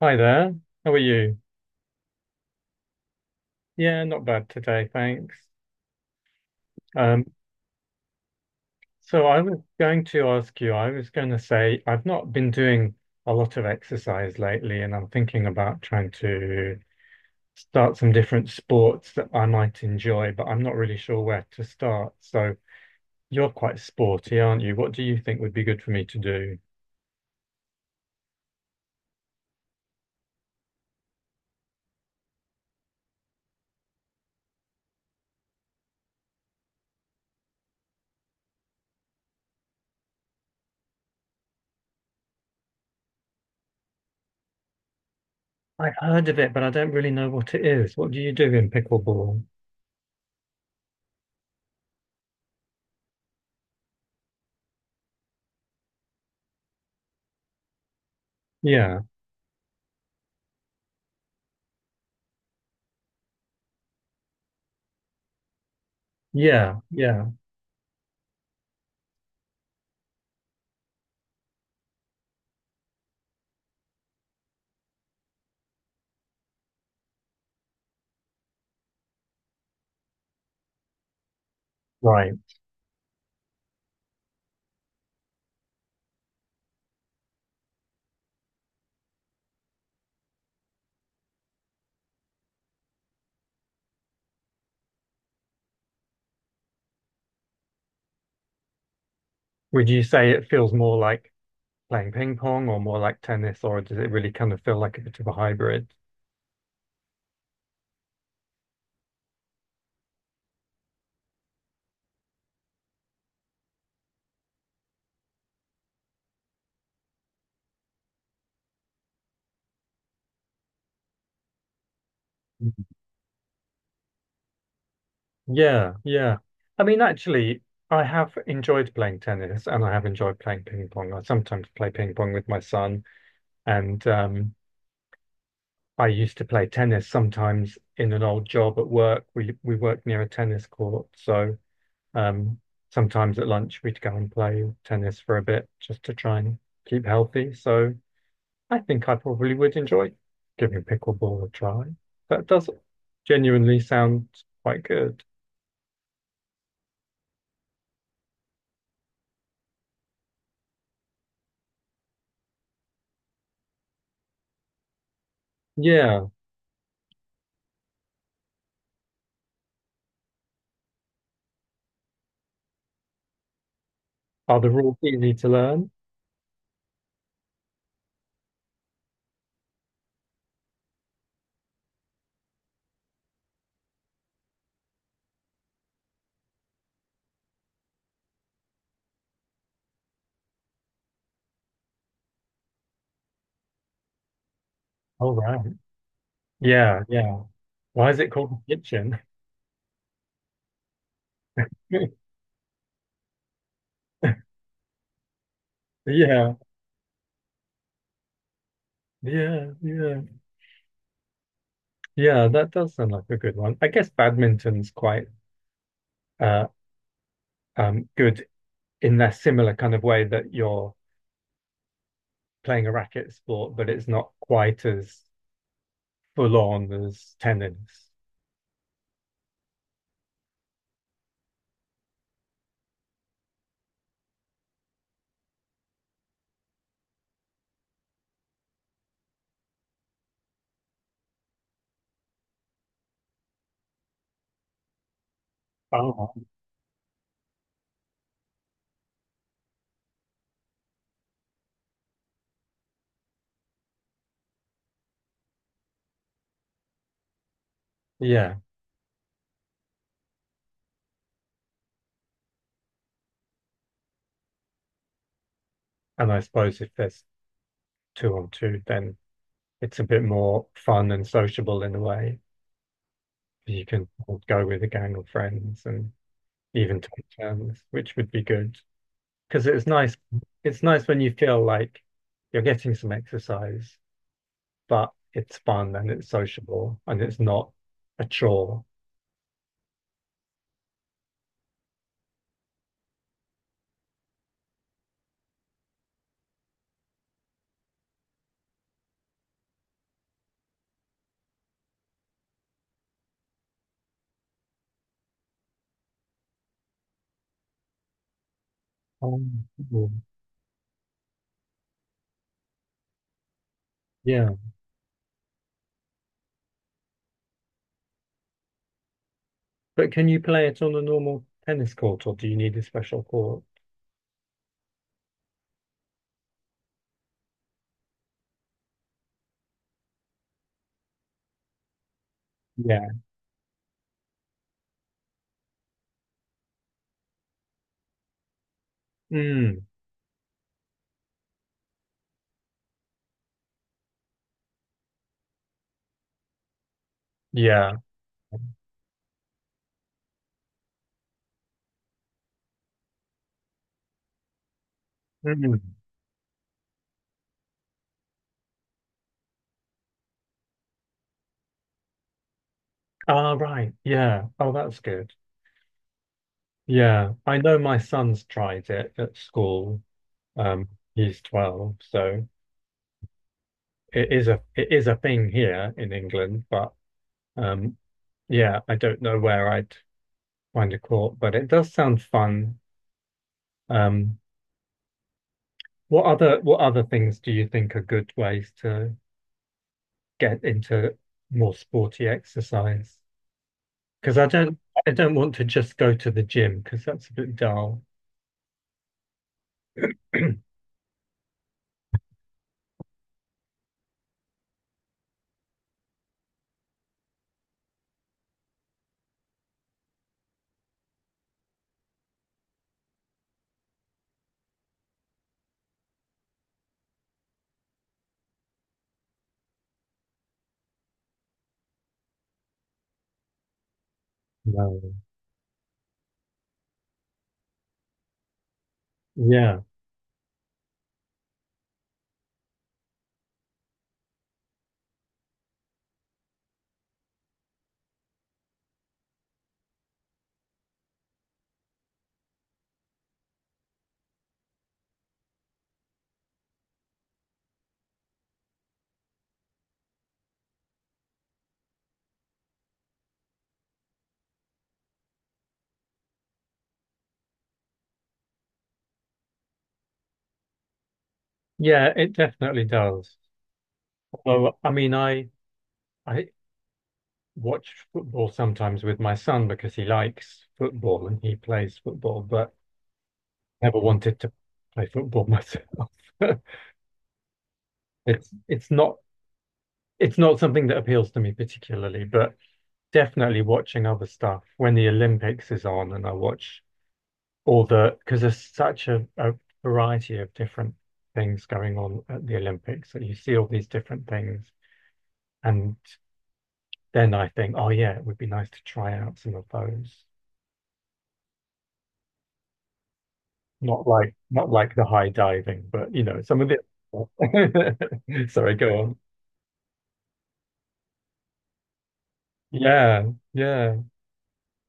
Hi there. How are you? Yeah, not bad today, thanks. Um, so I was going to ask you, I was going to say I've not been doing a lot of exercise lately, and I'm thinking about trying to start some different sports that I might enjoy, but I'm not really sure where to start. So you're quite sporty, aren't you? What do you think would be good for me to do? I've heard of it, but I don't really know what it is. What do you do in pickleball? Yeah, yeah, yeah. Right. Would you say it feels more like playing ping pong or more like tennis, or does it really kind of feel like a bit of a hybrid? Mhm. Yeah, yeah. I mean, actually, I have enjoyed playing tennis and I have enjoyed playing ping pong. I sometimes play ping pong with my son, and I used to play tennis sometimes in an old job at work. We worked near a tennis court, so um, sometimes at lunch we'd go and play tennis for a bit just to try and keep healthy. So I think I probably would enjoy giving pickleball a try. That does genuinely sound quite good. Yeah. Are the rules easy to learn? Oh, right. Yeah, yeah. Why is it called the kitchen? Yeah, yeah, yeah. Yeah, that does sound like a good one. I guess badminton's quite uh good in that similar kind of way that you're playing a racket sport, but it's not quite as full on as tennis. Oh. Yeah. And I suppose if there's two on two, then it's a bit more fun and sociable in a way. You can go with a gang of friends and even take turns, which would be good. Because it's nice when you feel like you're getting some exercise, but it's fun and it's sociable and it's not a chore. Um, yeah. But can you play it on a normal tennis court or do you need a special court? Yeah. Mm, yeah. Mm. Ah, right. Yeah. Oh, that's good. Yeah, I know my son's tried it at school. Um, he's 12, so it is a thing here in England, but um yeah, I don't know where I'd find a court, but it does sound fun. Um, what other what other things do you think are good ways to get into more sporty exercise? Because I don't want to just go to the gym because that's a bit dull. No. Yeah. Yeah, it definitely does. Although, I mean, I watch football sometimes with my son because he likes football and he plays football, but never wanted to play football myself. It's it's not it's not something that appeals to me particularly, but definitely watching other stuff when the Olympics is on and I watch all the because there's such a variety of different things going on at the Olympics that you see all these different things. And then I think, oh yeah, it would be nice to try out some of those. Not like not like the high diving, but you know, some of it. Sorry, go on. Yeah, yeah,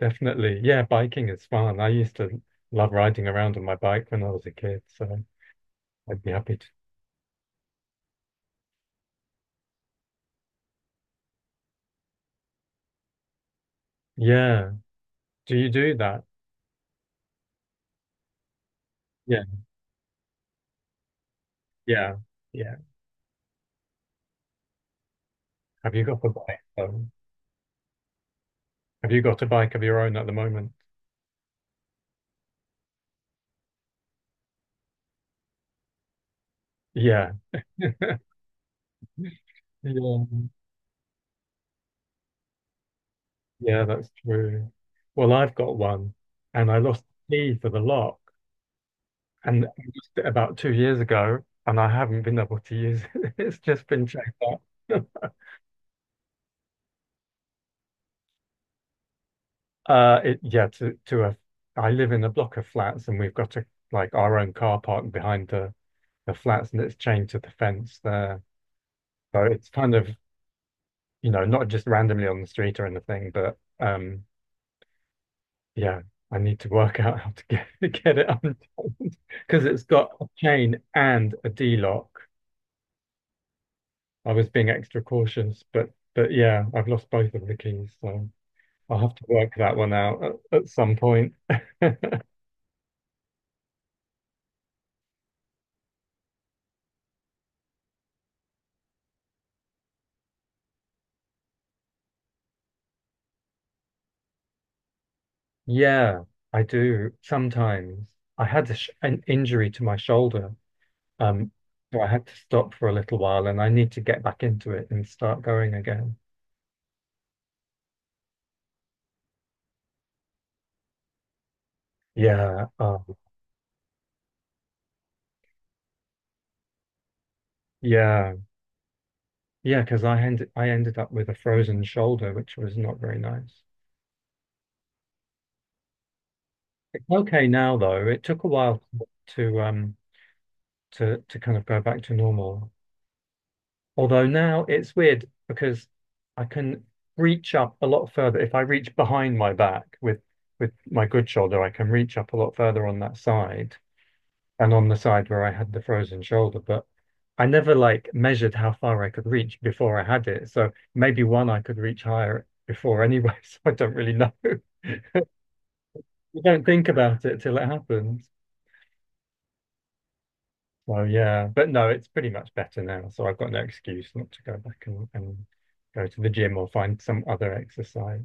definitely. Yeah, biking is fun. I used to love riding around on my bike when I was a kid, so I'd be happy to. Yeah. Do you do that? Yeah, yeah, yeah. Have you got a bike though? Have you got a bike of your own at the moment? Yeah. Yeah, yeah, that's true. Well, I've got one and I lost the key for the lock. And I used it about 2 years ago, and I haven't been able to use it. It's just been checked out. It, yeah, to a, I live in a block of flats, and we've got a like our own car park behind the flats, and it's chained to the fence there. So it's kind of you know not just randomly on the street or anything, but yeah, I need to work out how to get to get it untied because it's got a chain and a D lock. I was being extra cautious, but yeah, I've lost both of the keys, so. I'll have to work that one out at some point. Yeah, I do sometimes. I had a sh an injury to my shoulder, um, so I had to stop for a little while, and I need to get back into it and start going again. Yeah, yeah, yeah. Because I ended up with a frozen shoulder, which was not very nice. It's okay now, though. It took a while to um to kind of go back to normal. Although now it's weird because I can reach up a lot further. If I reach behind my back with my good shoulder, I can reach up a lot further on that side and on the side where I had the frozen shoulder. But I never like measured how far I could reach before I had it. So maybe one I could reach higher before anyway. So I don't really know. You don't think about it till it happens. Well, yeah, but no, it's pretty much better now. So I've got no excuse not to go back and go to the gym or find some other exercise.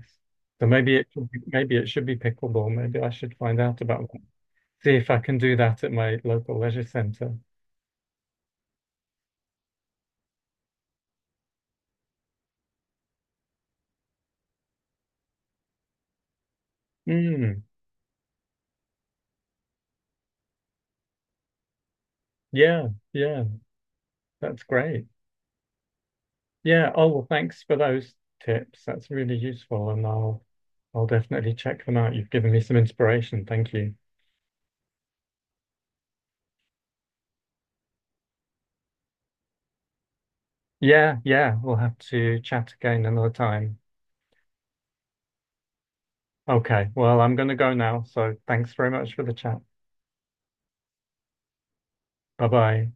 So maybe it should be, maybe it should be pickleball. Maybe I should find out about that. See if I can do that at my local leisure centre. Mm, yeah, yeah, that's great. Yeah. Oh, well, thanks for those tips. That's really useful, and I'll definitely check them out. You've given me some inspiration. Thank you. Yeah, yeah, we'll have to chat again another time. Okay, well, I'm going to go now. So thanks very much for the chat. Bye bye.